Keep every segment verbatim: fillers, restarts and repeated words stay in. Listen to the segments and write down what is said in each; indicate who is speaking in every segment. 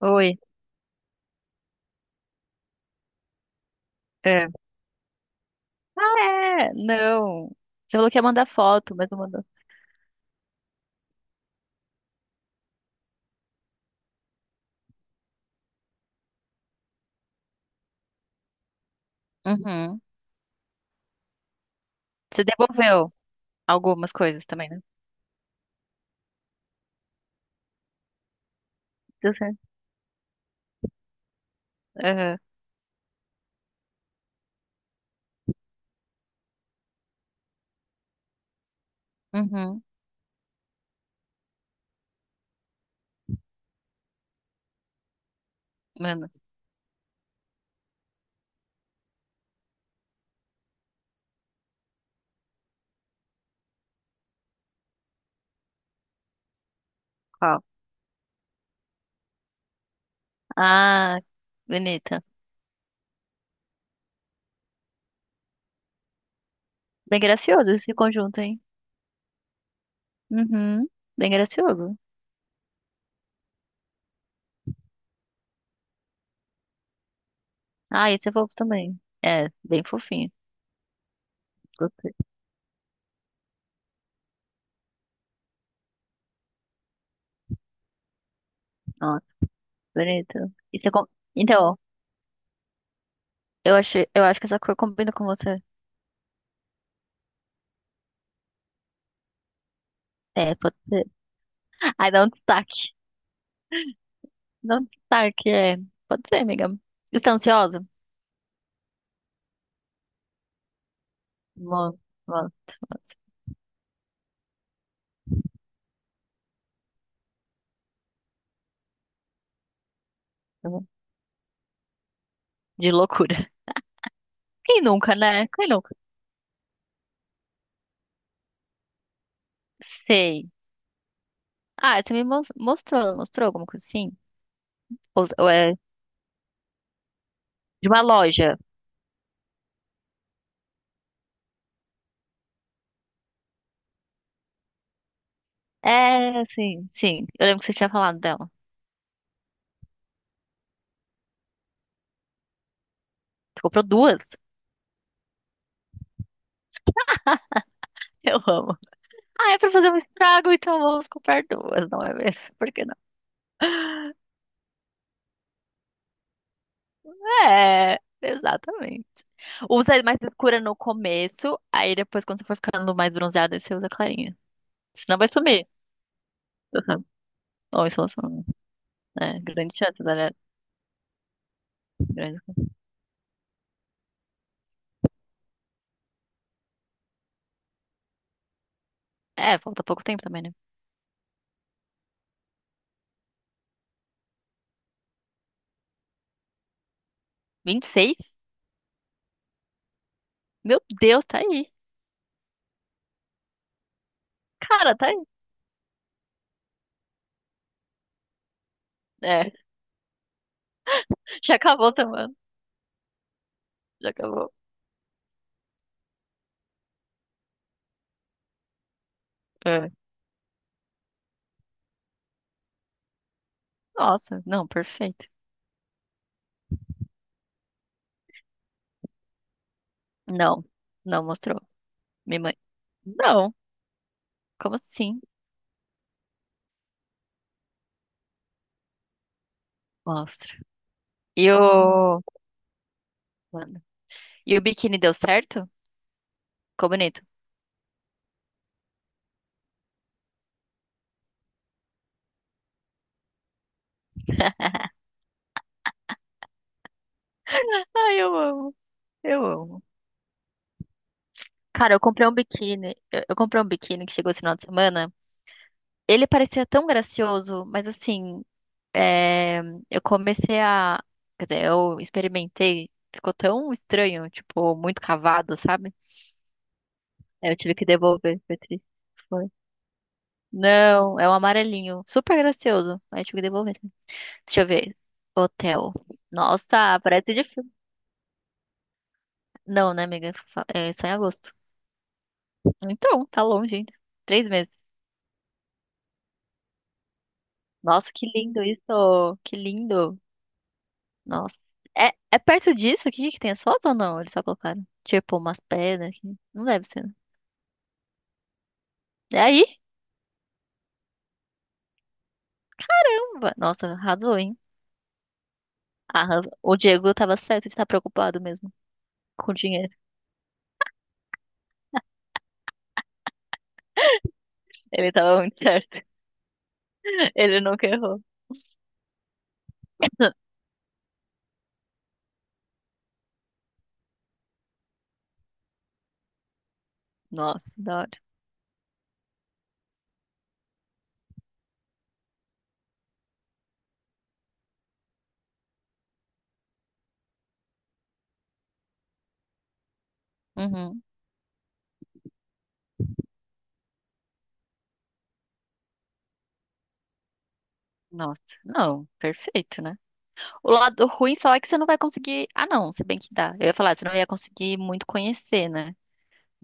Speaker 1: Oi. É. Ah, é? Não. Você falou que ia mandar foto, mas não mandou. Uhum. Você devolveu algumas coisas também, né? Deu certo. Aham. Uhum. Mano, qual? Ah, bonita. Bem gracioso esse conjunto, hein? Uhum. Bem gracioso. Ah, esse é fofo também. É, bem fofinho. Gostei. Nossa, bonito. E você com- Então, eu acho, eu acho que essa cor combina com você. É, pode ser. Ai, dá um destaque. Dá um destaque, é. Pode ser, amiga. Você tá ansiosa? Mo- mo- mo- De loucura. Quem nunca, né? Quem nunca? Sei. Ah, você me mos- mostrou, mostrou alguma coisa assim? Ou, ou é de uma loja? É, sim, sim. Eu lembro que você tinha falado dela. Você comprou duas? Eu amo. Ah, é pra fazer um estrago, então vamos comprar duas, não é mesmo? Por que não? É, exatamente. Usa mais escura no começo, aí depois, quando você for ficando mais bronzeada, aí você usa clarinha. Senão vai sumir. Uhum. Ou isso, vai sumir. É, grande chance, galera. Grande. É, falta pouco tempo também, né? Vinte e seis? Meu Deus, tá aí. Cara, tá aí. É, já acabou a semana. Já acabou. É. Nossa, não, perfeito. Não, não mostrou. Minha mãe. Não, como assim? Mostra. E o. Mano. E o biquíni deu certo? Ficou bonito. Ah, eu amo, eu amo. Cara, eu comprei um biquíni. Eu, eu comprei um biquíni que chegou esse final de semana. Ele parecia tão gracioso, mas assim, é, eu comecei a. Quer dizer, eu experimentei, ficou tão estranho, tipo, muito cavado, sabe? Aí eu tive que devolver, foi triste. Foi. Não, é um amarelinho, super gracioso. Aí eu tive que devolver. Deixa eu ver. Hotel. Nossa, parece de filme. Não, né, amiga? Fa- É só em agosto. Então, tá longe ainda. Três meses. Nossa, que lindo isso! Que lindo! Nossa. É, é perto disso aqui que tem as fotos ou não? Eles só colocaram, tipo, umas pedras aqui. Não deve ser, né? É aí? Nossa, arrasou, hein? Arrasou. O Diego tava certo de estar preocupado mesmo com o dinheiro. Ele tava muito certo. Ele nunca errou. Nossa, da hora. Uhum. Nossa, não, perfeito, né? O lado ruim só é que você não vai conseguir. Ah, não, se bem que dá. Eu ia falar, você não ia conseguir muito conhecer, né?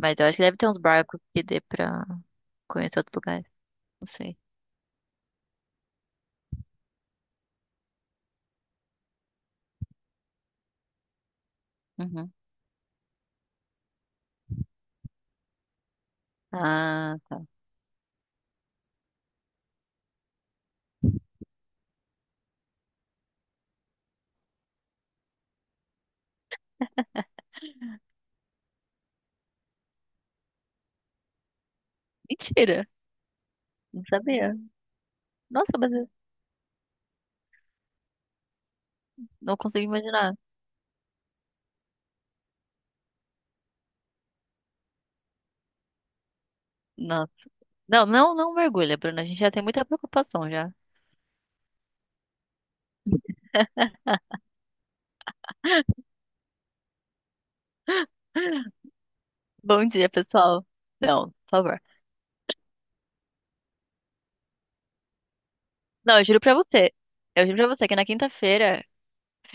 Speaker 1: Mas eu acho que deve ter uns barcos que dê pra conhecer outro lugar. Não sei. Uhum. Ah, tá. Mentira! Não sabia. Nossa, mas eu não consigo imaginar. Nossa. Não, não, não mergulha, Bruna. A gente já tem muita preocupação já. Bom dia, pessoal. Não, por favor. Não, eu juro pra você. Eu juro pra você que na quinta-feira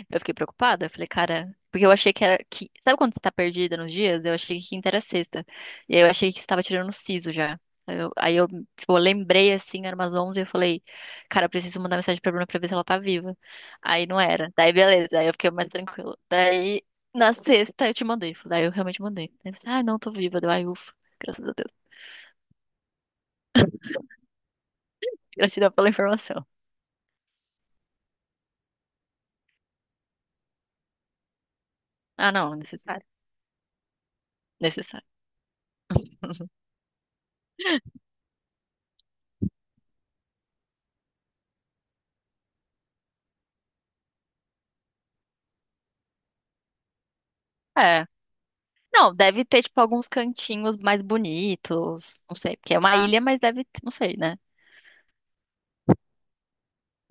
Speaker 1: eu fiquei preocupada, falei, cara, porque eu achei que era que, sabe quando você tá perdida nos dias? Eu achei que quinta era sexta. E aí eu achei que estava tirando o siso já. Aí eu, aí eu, tipo, lembrei assim, era umas onze e eu falei, cara, eu preciso mandar mensagem pra Bruna pra ver se ela tá viva. Aí não era. Daí beleza, aí eu fiquei mais tranquila. Daí na sexta eu te mandei, daí eu realmente mandei. Aí você, ah, não, tô viva. Deu, ai, ufa, graças a Deus. Gratidão pela informação. Ah, não, necessário. Necessário. É. Não, deve ter, tipo, alguns cantinhos mais bonitos. Não sei, porque é uma ilha, mas deve ter, não sei, né?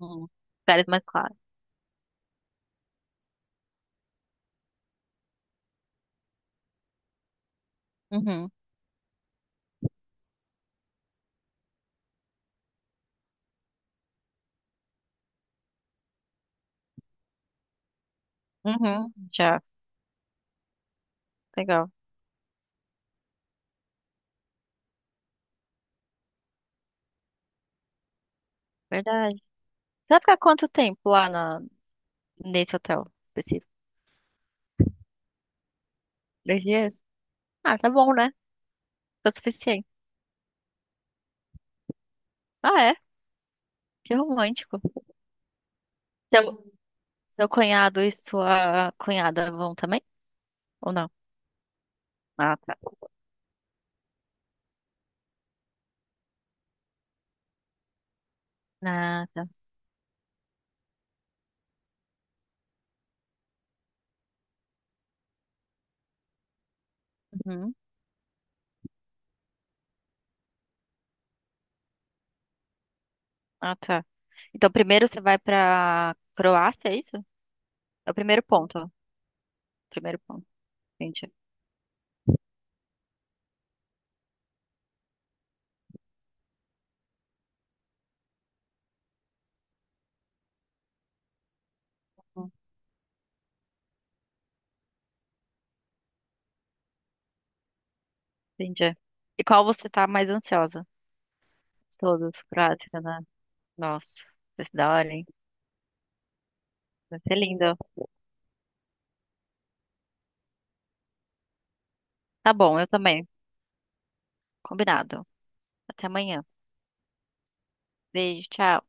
Speaker 1: Hum, lugares mais claros. Uhum, uhum, já. Legal. Verdade. Você vai ficar quanto tempo lá na, nesse hotel específico? Dois dias? Ah, tá bom, né? Tá o suficiente. Ah, é? Que romântico. Seu, seu cunhado e sua cunhada vão também? Ou não? Ah, tá. Ah, tá. Uhum. Ah, tá. Então, primeiro você vai pra Croácia, é isso? É o primeiro ponto. Ó. Primeiro ponto. Entendi. Entendi. E qual você tá mais ansiosa? Todos, prática, né? Nossa, vai ser da hora, hein? Vai ser lindo. Tá bom, eu também. Combinado. Até amanhã. Beijo, tchau.